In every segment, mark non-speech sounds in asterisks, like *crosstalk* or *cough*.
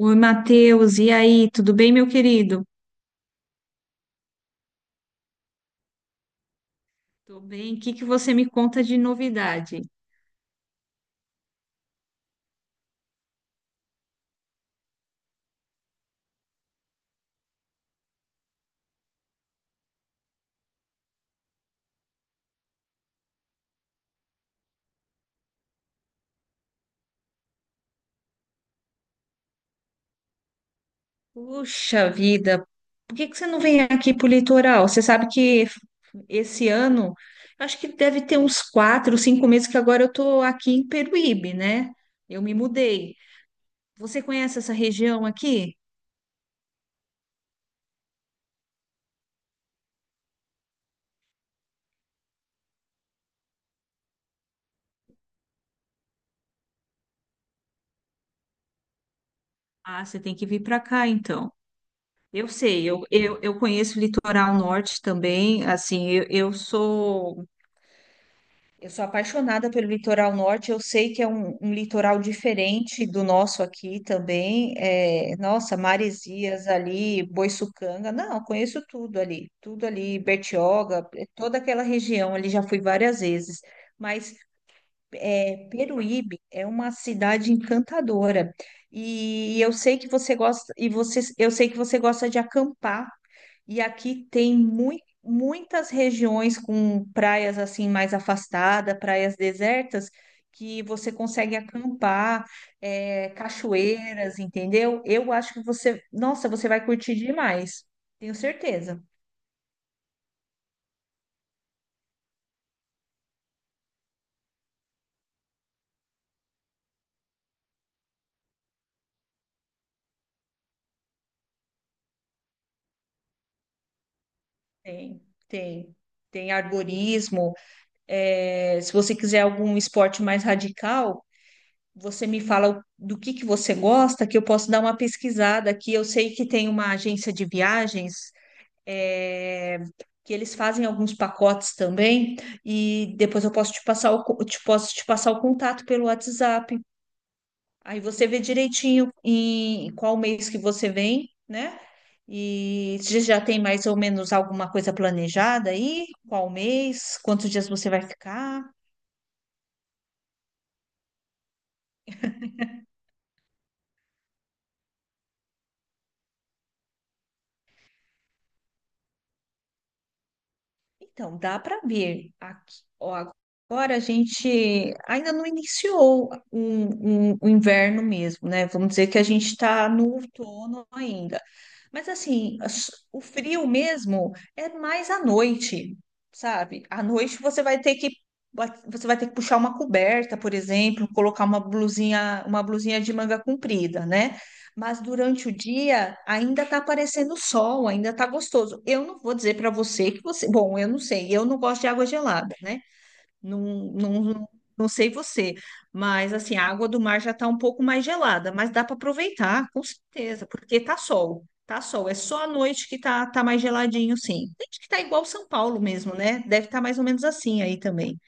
Oi, Matheus, e aí, tudo bem, meu querido? Tô bem. O que que você me conta de novidade? Puxa vida, por que que você não vem aqui pro litoral? Você sabe que esse ano, eu acho que deve ter uns 4, 5 meses que agora eu tô aqui em Peruíbe, né? Eu me mudei. Você conhece essa região aqui? Ah, você tem que vir para cá, então. Eu sei, eu conheço o litoral norte também, assim. Eu sou apaixonada pelo litoral norte, eu sei que é um litoral diferente do nosso aqui também. É, nossa, Maresias ali, Boiçucanga, não, conheço tudo ali, Bertioga, toda aquela região ali já fui várias vezes. Mas é, Peruíbe é uma cidade encantadora e, eu sei que você gosta de acampar. E aqui tem muitas regiões com praias assim mais afastadas, praias desertas, que você consegue acampar, é, cachoeiras, entendeu? Eu acho que você, nossa, você vai curtir demais, tenho certeza. Tem, tem. Tem arborismo. É, se você quiser algum esporte mais radical, você me fala o- do que você gosta, que eu posso dar uma pesquisada aqui. Eu sei que tem uma agência de viagens é, que eles fazem alguns pacotes também, e depois eu posso te passar o contato pelo WhatsApp. Aí você vê direitinho em qual mês que você vem, né? E se já tem mais ou menos alguma coisa planejada aí? Qual mês? Quantos dias você vai ficar? Então, dá para ver aqui. Ó, agora a gente ainda não iniciou o inverno mesmo, né? Vamos dizer que a gente está no outono ainda. Mas assim, o frio mesmo é mais à noite, sabe? À noite você vai ter que puxar uma coberta, por exemplo, colocar uma blusinha de manga comprida, né? Mas durante o dia ainda tá aparecendo sol, ainda tá gostoso. Eu não vou dizer para você que você. Bom, eu não sei, eu não gosto de água gelada, né? Não, não, não sei você, mas assim, a água do mar já tá um pouco mais gelada, mas dá para aproveitar, com certeza, porque tá sol, tá sol. É só à noite que tá mais geladinho, sim. Tem que tá igual São Paulo mesmo, né? Deve estar mais ou menos assim aí também.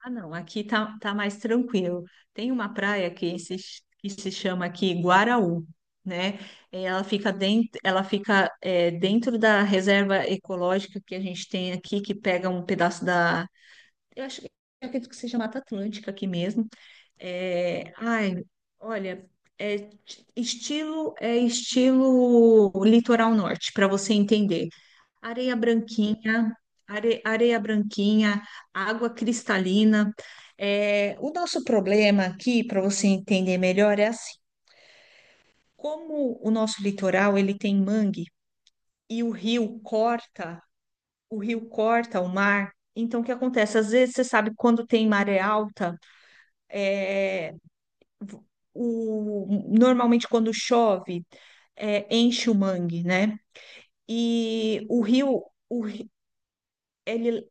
Ah, não, aqui tá mais tranquilo. Tem uma praia que se chama aqui Guaraú, né? Ela fica dentro da reserva ecológica que a gente tem aqui, que pega um pedaço da. Eu acho que eu acredito que seja Mata Atlântica aqui mesmo. É, ai, olha, é t- estilo é estilo litoral norte, para você entender. Areia branquinha, areia branquinha, água cristalina. É, o nosso problema aqui, para você entender melhor, é assim: como o nosso litoral ele tem mangue e o rio corta, o rio corta o mar. Então, o que acontece? Às vezes, você sabe, quando tem maré alta, é, o, normalmente quando chove, é, enche o mangue, né? E o rio, o, ri- ele,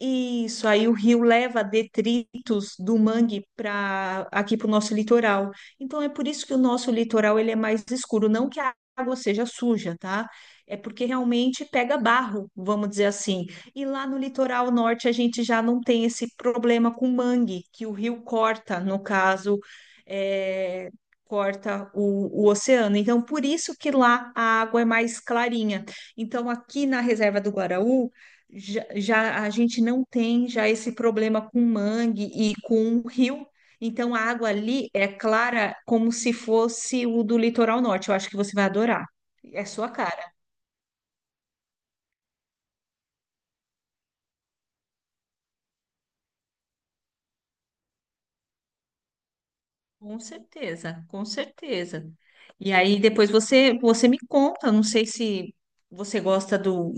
Isso, aí o rio leva detritos do mangue para aqui para o nosso litoral. Então é por isso que o nosso litoral ele é mais escuro, não que a água seja suja, tá? É porque realmente pega barro, vamos dizer assim. E lá no litoral norte a gente já não tem esse problema com mangue, que o rio corta, no caso, é, corta o oceano. Então por isso que lá a água é mais clarinha. Então aqui na reserva do Guaraú já, já a gente não tem já esse problema com mangue e com rio. Então a água ali é clara como se fosse o do litoral norte. Eu acho que você vai adorar. É sua cara. Com certeza, com certeza. E aí depois você me conta, não sei se você gosta do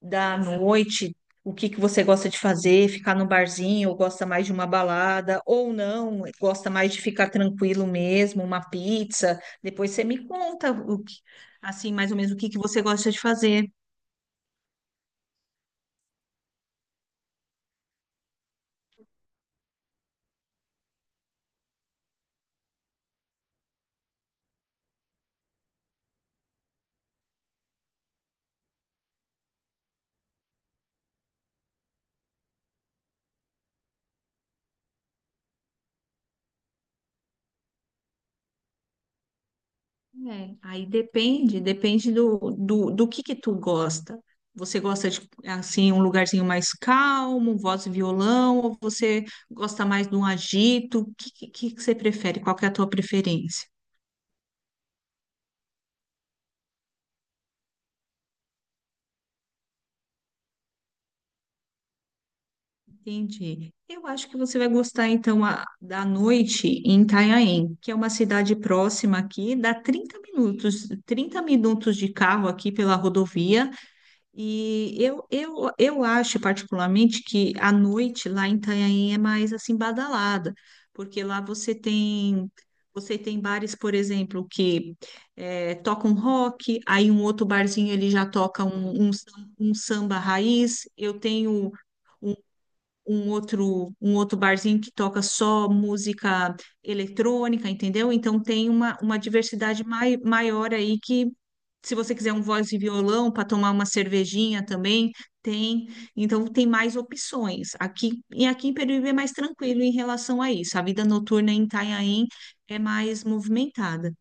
da noite, o que que você gosta de fazer, ficar no barzinho, ou gosta mais de uma balada, ou não, gosta mais de ficar tranquilo mesmo, uma pizza. Depois você me conta o que, assim, mais ou menos o que que você gosta de fazer. É. Aí depende do que tu gosta. Você gosta de, assim, um lugarzinho mais calmo, voz e violão, ou você gosta mais de um agito? O que que você prefere? Qual que é a tua preferência? Entendi. Eu acho que você vai gostar, então, da noite em Itanhaém, que é uma cidade próxima aqui, dá 30 minutos, 30 minutos de carro aqui pela rodovia. E eu acho, particularmente, que a noite lá em Itanhaém é mais, assim, badalada, porque lá você tem... Você tem bares, por exemplo, que tocam rock, aí um outro barzinho ele já toca um samba raiz. Eu tenho um outro barzinho que toca só música eletrônica, entendeu? Então tem uma diversidade maior aí que, se você quiser um voz e violão para tomar uma cervejinha também, tem. Então tem mais opções. Aqui, e aqui em Peruíbe é mais tranquilo em relação a isso. A vida noturna em Itanhaém é mais movimentada.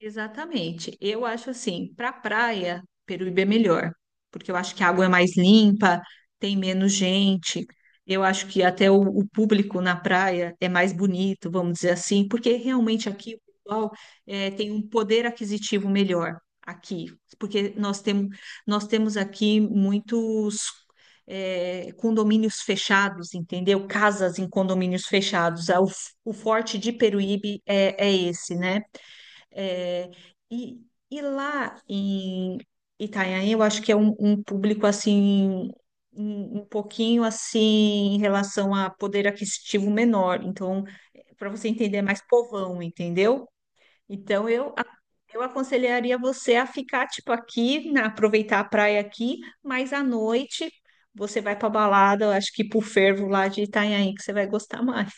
Exatamente. Eu acho assim, para praia, Peruíbe é melhor, porque eu acho que a água é mais limpa, tem menos gente. Eu acho que até o público na praia é mais bonito, vamos dizer assim, porque realmente aqui o pessoal tem um poder aquisitivo melhor aqui, porque nós temos aqui muitos condomínios fechados, entendeu? Casas em condomínios fechados. Ah, O forte de Peruíbe é esse, né? É, e, lá em Itanhaém, eu acho que é um público assim, um pouquinho assim em relação a poder aquisitivo menor. Então, para você entender, é mais povão, entendeu? Então, eu aconselharia você a ficar tipo aqui, aproveitar a praia aqui, mas à noite você vai para balada, eu acho que pro fervo lá de Itanhaém, que você vai gostar *laughs* mais.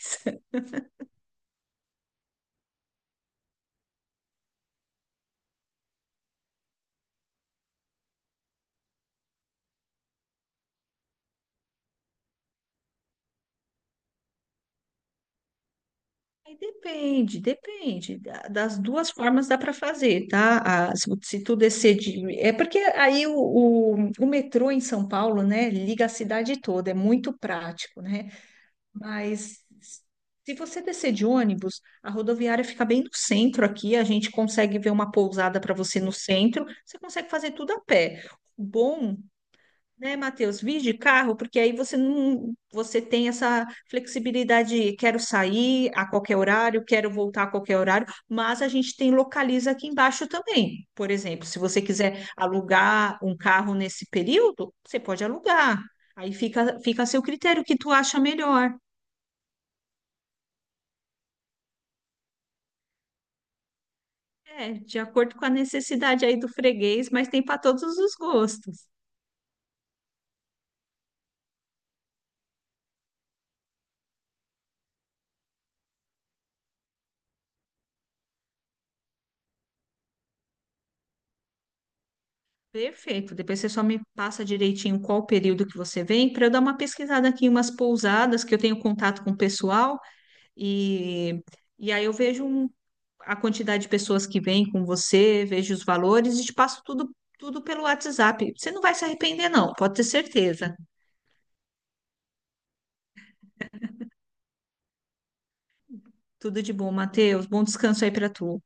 Aí depende, depende. Das duas formas dá para fazer, tá? Ah, se tu descer de. É porque aí o metrô em São Paulo, né, liga a cidade toda, é muito prático, né? Mas se você descer de ônibus, a rodoviária fica bem no centro aqui, a gente consegue ver uma pousada para você no centro, você consegue fazer tudo a pé. O bom né, Matheus? Vir de carro, porque aí você não, você tem essa flexibilidade, de quero sair a qualquer horário, quero voltar a qualquer horário, mas a gente tem localiza aqui embaixo também. Por exemplo, se você quiser alugar um carro nesse período, você pode alugar. Aí fica, fica a seu critério, o que tu acha melhor. É, de acordo com a necessidade aí do freguês, mas tem para todos os gostos. Perfeito. Depois você só me passa direitinho qual o período que você vem, para eu dar uma pesquisada aqui em umas pousadas que eu tenho contato com o pessoal e, e aí eu vejo a quantidade de pessoas que vêm com você, vejo os valores e te passo tudo, tudo pelo WhatsApp. Você não vai se arrepender, não, pode ter certeza. Tudo de bom, Matheus. Bom descanso aí para tu.